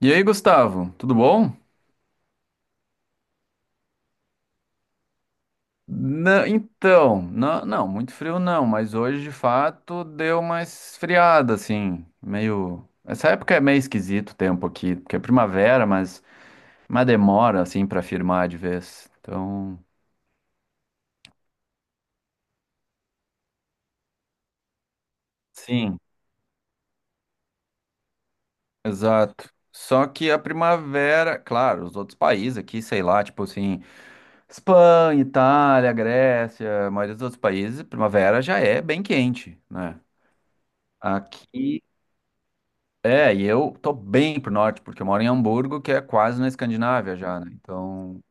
E aí, Gustavo, tudo bom? Não, muito frio não, mas hoje de fato deu uma esfriada, assim, meio. Essa época é meio esquisito o tempo aqui, porque é primavera, mas demora, assim, pra firmar de vez. Então, sim, exato. Só que a primavera, claro, os outros países aqui, sei lá, tipo assim, Espanha, Itália, Grécia, a maioria dos outros países, primavera já é bem quente, né? Aqui. É, e eu tô bem pro norte, porque eu moro em Hamburgo, que é quase na Escandinávia já, né? Então,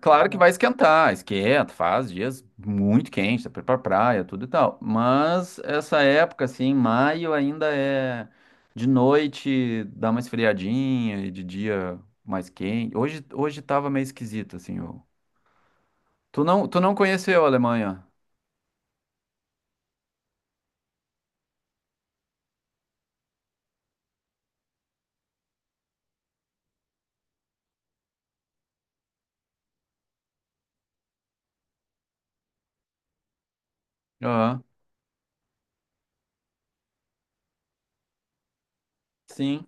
claro que vai esquentar, esquenta, faz dias muito quentes, dá pra ir pra praia, tudo e tal. Mas essa época, assim, maio ainda é de noite, dá uma esfriadinha e de dia mais quente. Hoje tava meio esquisito, assim. Tu não conheceu a Alemanha? Aham, sim.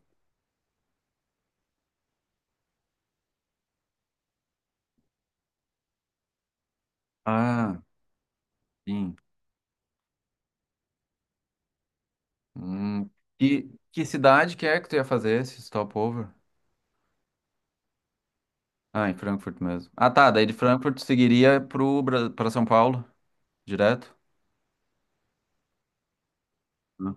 Ah, sim. Hum. E que cidade que é que tu ia fazer esse stopover? Ah, em Frankfurt mesmo. Ah, tá. Daí de Frankfurt seguiria pro pra São Paulo, direto? Ah,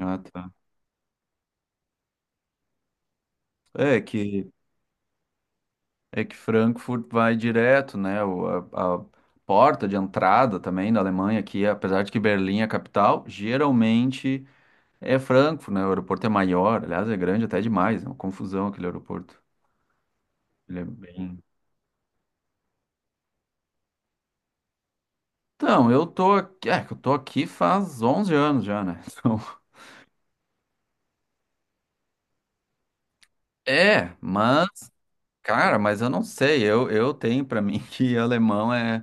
ah, tá. É que é que Frankfurt vai direto, né? A porta de entrada também da Alemanha aqui, apesar de que Berlim é a capital, geralmente é Frankfurt, né? O aeroporto é maior, aliás, é grande até demais, é uma confusão aquele aeroporto. Ele é bem. Então, eu tô aqui, que eu tô aqui faz 11 anos já, né? Então, mas cara, mas eu não sei, eu tenho pra mim que alemão é,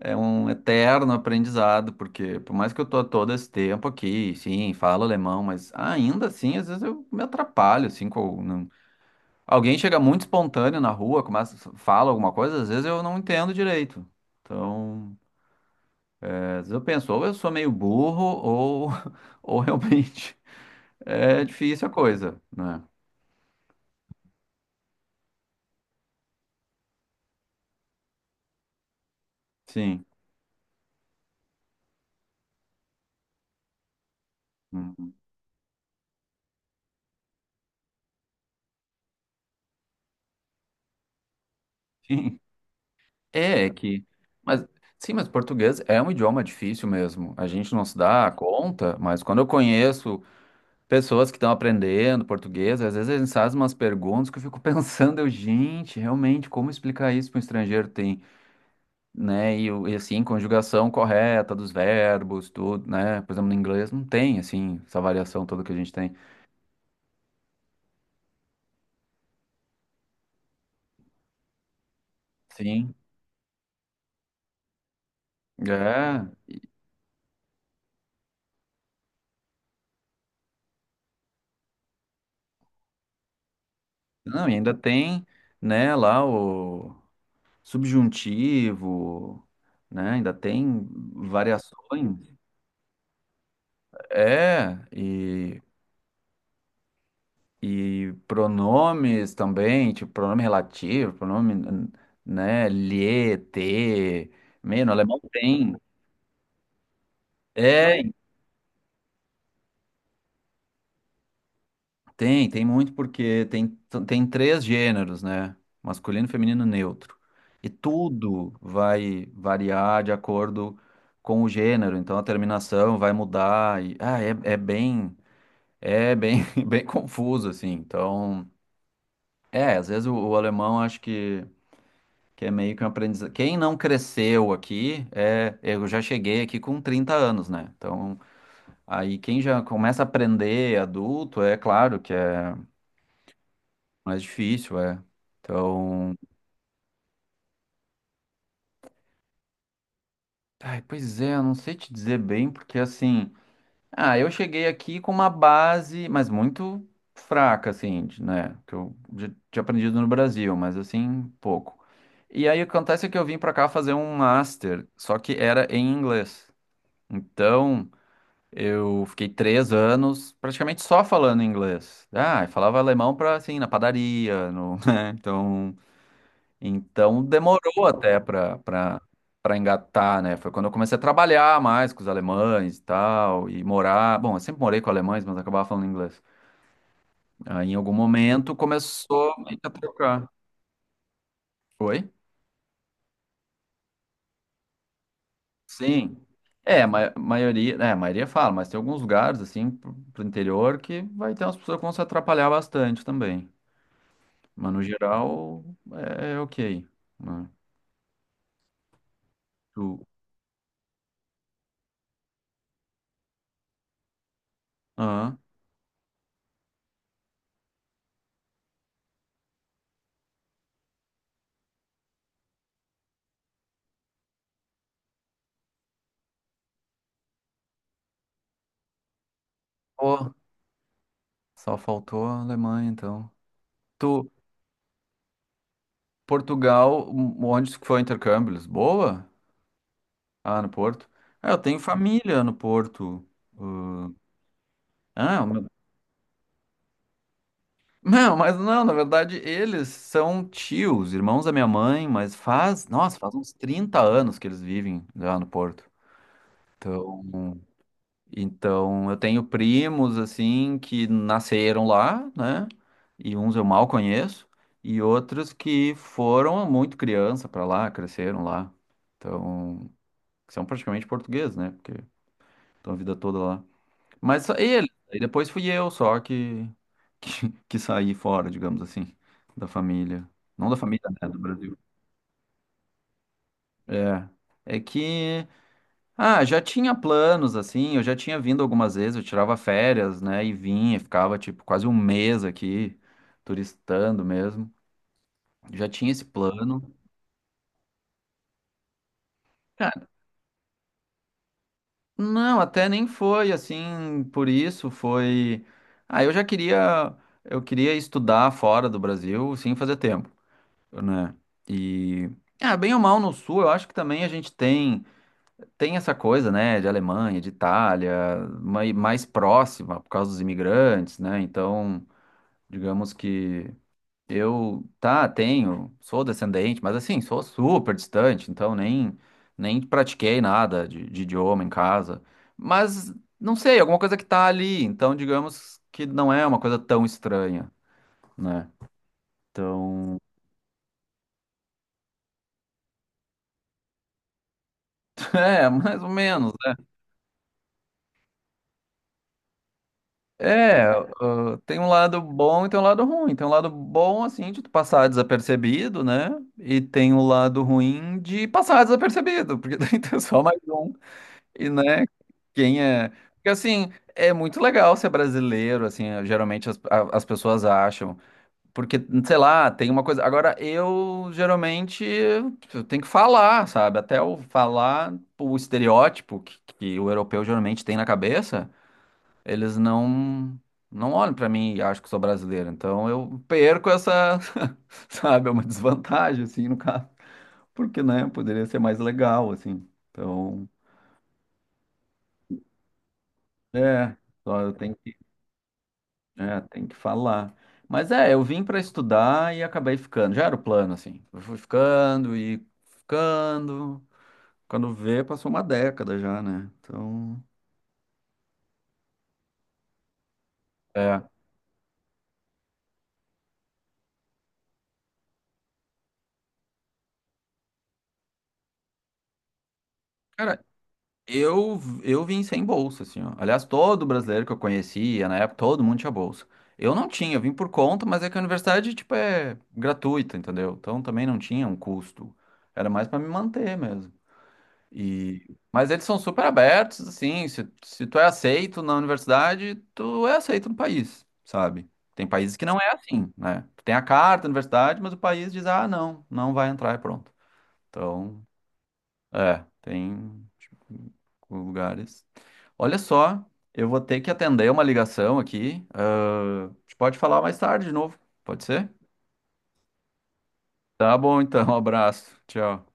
é um eterno aprendizado, porque por mais que eu tô há todo esse tempo aqui, sim, falo alemão, mas ainda assim, às vezes eu me atrapalho, assim, com, alguém chega muito espontâneo na rua, começa, fala alguma coisa, às vezes eu não entendo direito. Então, às vezes eu penso, ou eu sou meio burro, ou, ou realmente é difícil a coisa, né? Sim. Uhum. Sim. É, é que. Mas, sim, mas português é um idioma difícil mesmo. A gente não se dá conta, mas quando eu conheço pessoas que estão aprendendo português, às vezes eles fazem umas perguntas que eu fico pensando, eu, gente, realmente, como explicar isso para um estrangeiro tem, né? E, assim, conjugação correta dos verbos, tudo, né? Por exemplo, no inglês não tem, assim, essa variação toda que a gente tem. Sim. É. Não, e ainda tem, né, lá o. subjuntivo, né? Ainda tem variações. É, e pronomes também, tipo pronome relativo, pronome, né? Lhe, te, me, no alemão tem. É, tem muito porque tem três gêneros, né? Masculino, feminino, neutro. E tudo vai variar de acordo com o gênero, então a terminação vai mudar. E, ah, é bem. É bem, bem confuso, assim. Então, às vezes o alemão acho que é meio que um aprendizado. Quem não cresceu aqui, eu já cheguei aqui com 30 anos, né? Então, aí quem já começa a aprender adulto, é claro que é mais difícil, é. Então, ai, pois é, eu não sei te dizer bem, porque assim. Ah, eu cheguei aqui com uma base, mas muito fraca, assim, né? Que eu já tinha aprendido no Brasil, mas assim, pouco. E aí o que acontece é que eu vim pra cá fazer um master, só que era em inglês. Então, eu fiquei 3 anos praticamente só falando inglês. Ah, eu falava alemão pra, assim, na padaria, no, né? Então. Então demorou até para engatar, né? Foi quando eu comecei a trabalhar mais com os alemães e tal, e morar. Bom, eu sempre morei com alemães, mas acabava falando inglês. Aí em algum momento começou meio que a trocar. Foi? Sim. É, a ma maioria, a maioria fala, mas tem alguns lugares, assim, pro interior que vai ter umas pessoas que vão se atrapalhar bastante também. Mas no geral, é ok, né? Tu, ah, pô, só faltou a Alemanha, então. Tu, Portugal, onde foi o intercâmbio? Lisboa? Ah, no Porto. Ah, eu tenho família no Porto. Uh, ah, não, mas não, na verdade eles são tios, irmãos da minha mãe, mas faz, nossa, faz uns 30 anos que eles vivem lá no Porto. Então, então, eu tenho primos assim que nasceram lá, né? E uns eu mal conheço, e outros que foram muito criança para lá, cresceram lá. Então, que são praticamente portugueses, né? Porque estão a vida toda lá. Mas só ele. Aí depois fui eu só que, que, que saí fora, digamos assim, da família. Não da família, né? Do Brasil. É. É que, ah, já tinha planos, assim, eu já tinha vindo algumas vezes, eu tirava férias, né, e vinha, ficava, tipo, quase um mês aqui, turistando mesmo. Já tinha esse plano. Não, até nem foi assim, por isso foi. Ah, eu queria estudar fora do Brasil sim fazer tempo, né? E ah, bem ou mal no sul, eu acho que também a gente tem essa coisa, né, de Alemanha, de Itália, mais próxima por causa dos imigrantes, né? Então, digamos que eu, tá, tenho, sou descendente, mas assim, sou super distante, então nem pratiquei nada de idioma em casa. Mas, não sei, alguma coisa que tá ali, então digamos que não é uma coisa tão estranha, né? Então, é, mais ou menos, né? É, ah, tem um lado bom e tem um lado ruim. Tem um lado bom, assim, de tu passar desapercebido, né? E tem o lado ruim de passar desapercebido, porque tem só mais um. E, né, quem é. Porque, assim, é muito legal ser brasileiro, assim, geralmente as pessoas acham. Porque, sei lá, tem uma coisa. Agora, eu geralmente eu tenho que falar, sabe? Até eu falar o estereótipo que o europeu geralmente tem na cabeça, eles não. Não olham pra mim e acham que sou brasileiro. Então eu perco essa, sabe, é uma desvantagem, assim, no caso. Porque, né, poderia ser mais legal, assim. Então, é. Só eu tenho É, tem que falar. Mas é, eu vim para estudar e acabei ficando. Já era o plano, assim. Eu fui ficando e ficando. Quando vê, passou uma década já, né? Então, é. Cara, eu vim sem bolsa, assim, ó. Aliás, todo brasileiro que eu conhecia, na época, todo mundo tinha bolsa. Eu não tinha, eu vim por conta, mas é que a universidade, tipo, é gratuita, entendeu? Então também não tinha um custo. Era mais para me manter mesmo. Mas eles são super abertos, assim, se tu é aceito na universidade, tu é aceito no país, sabe? Tem países que não é assim, né? Tu tem a carta da universidade, mas o país diz, ah, não, não vai entrar e pronto. Então, é, tem tipo, lugares. Olha só, eu vou ter que atender uma ligação aqui. Ah, a gente pode falar mais tarde de novo, pode ser? Tá bom, então, um abraço, tchau.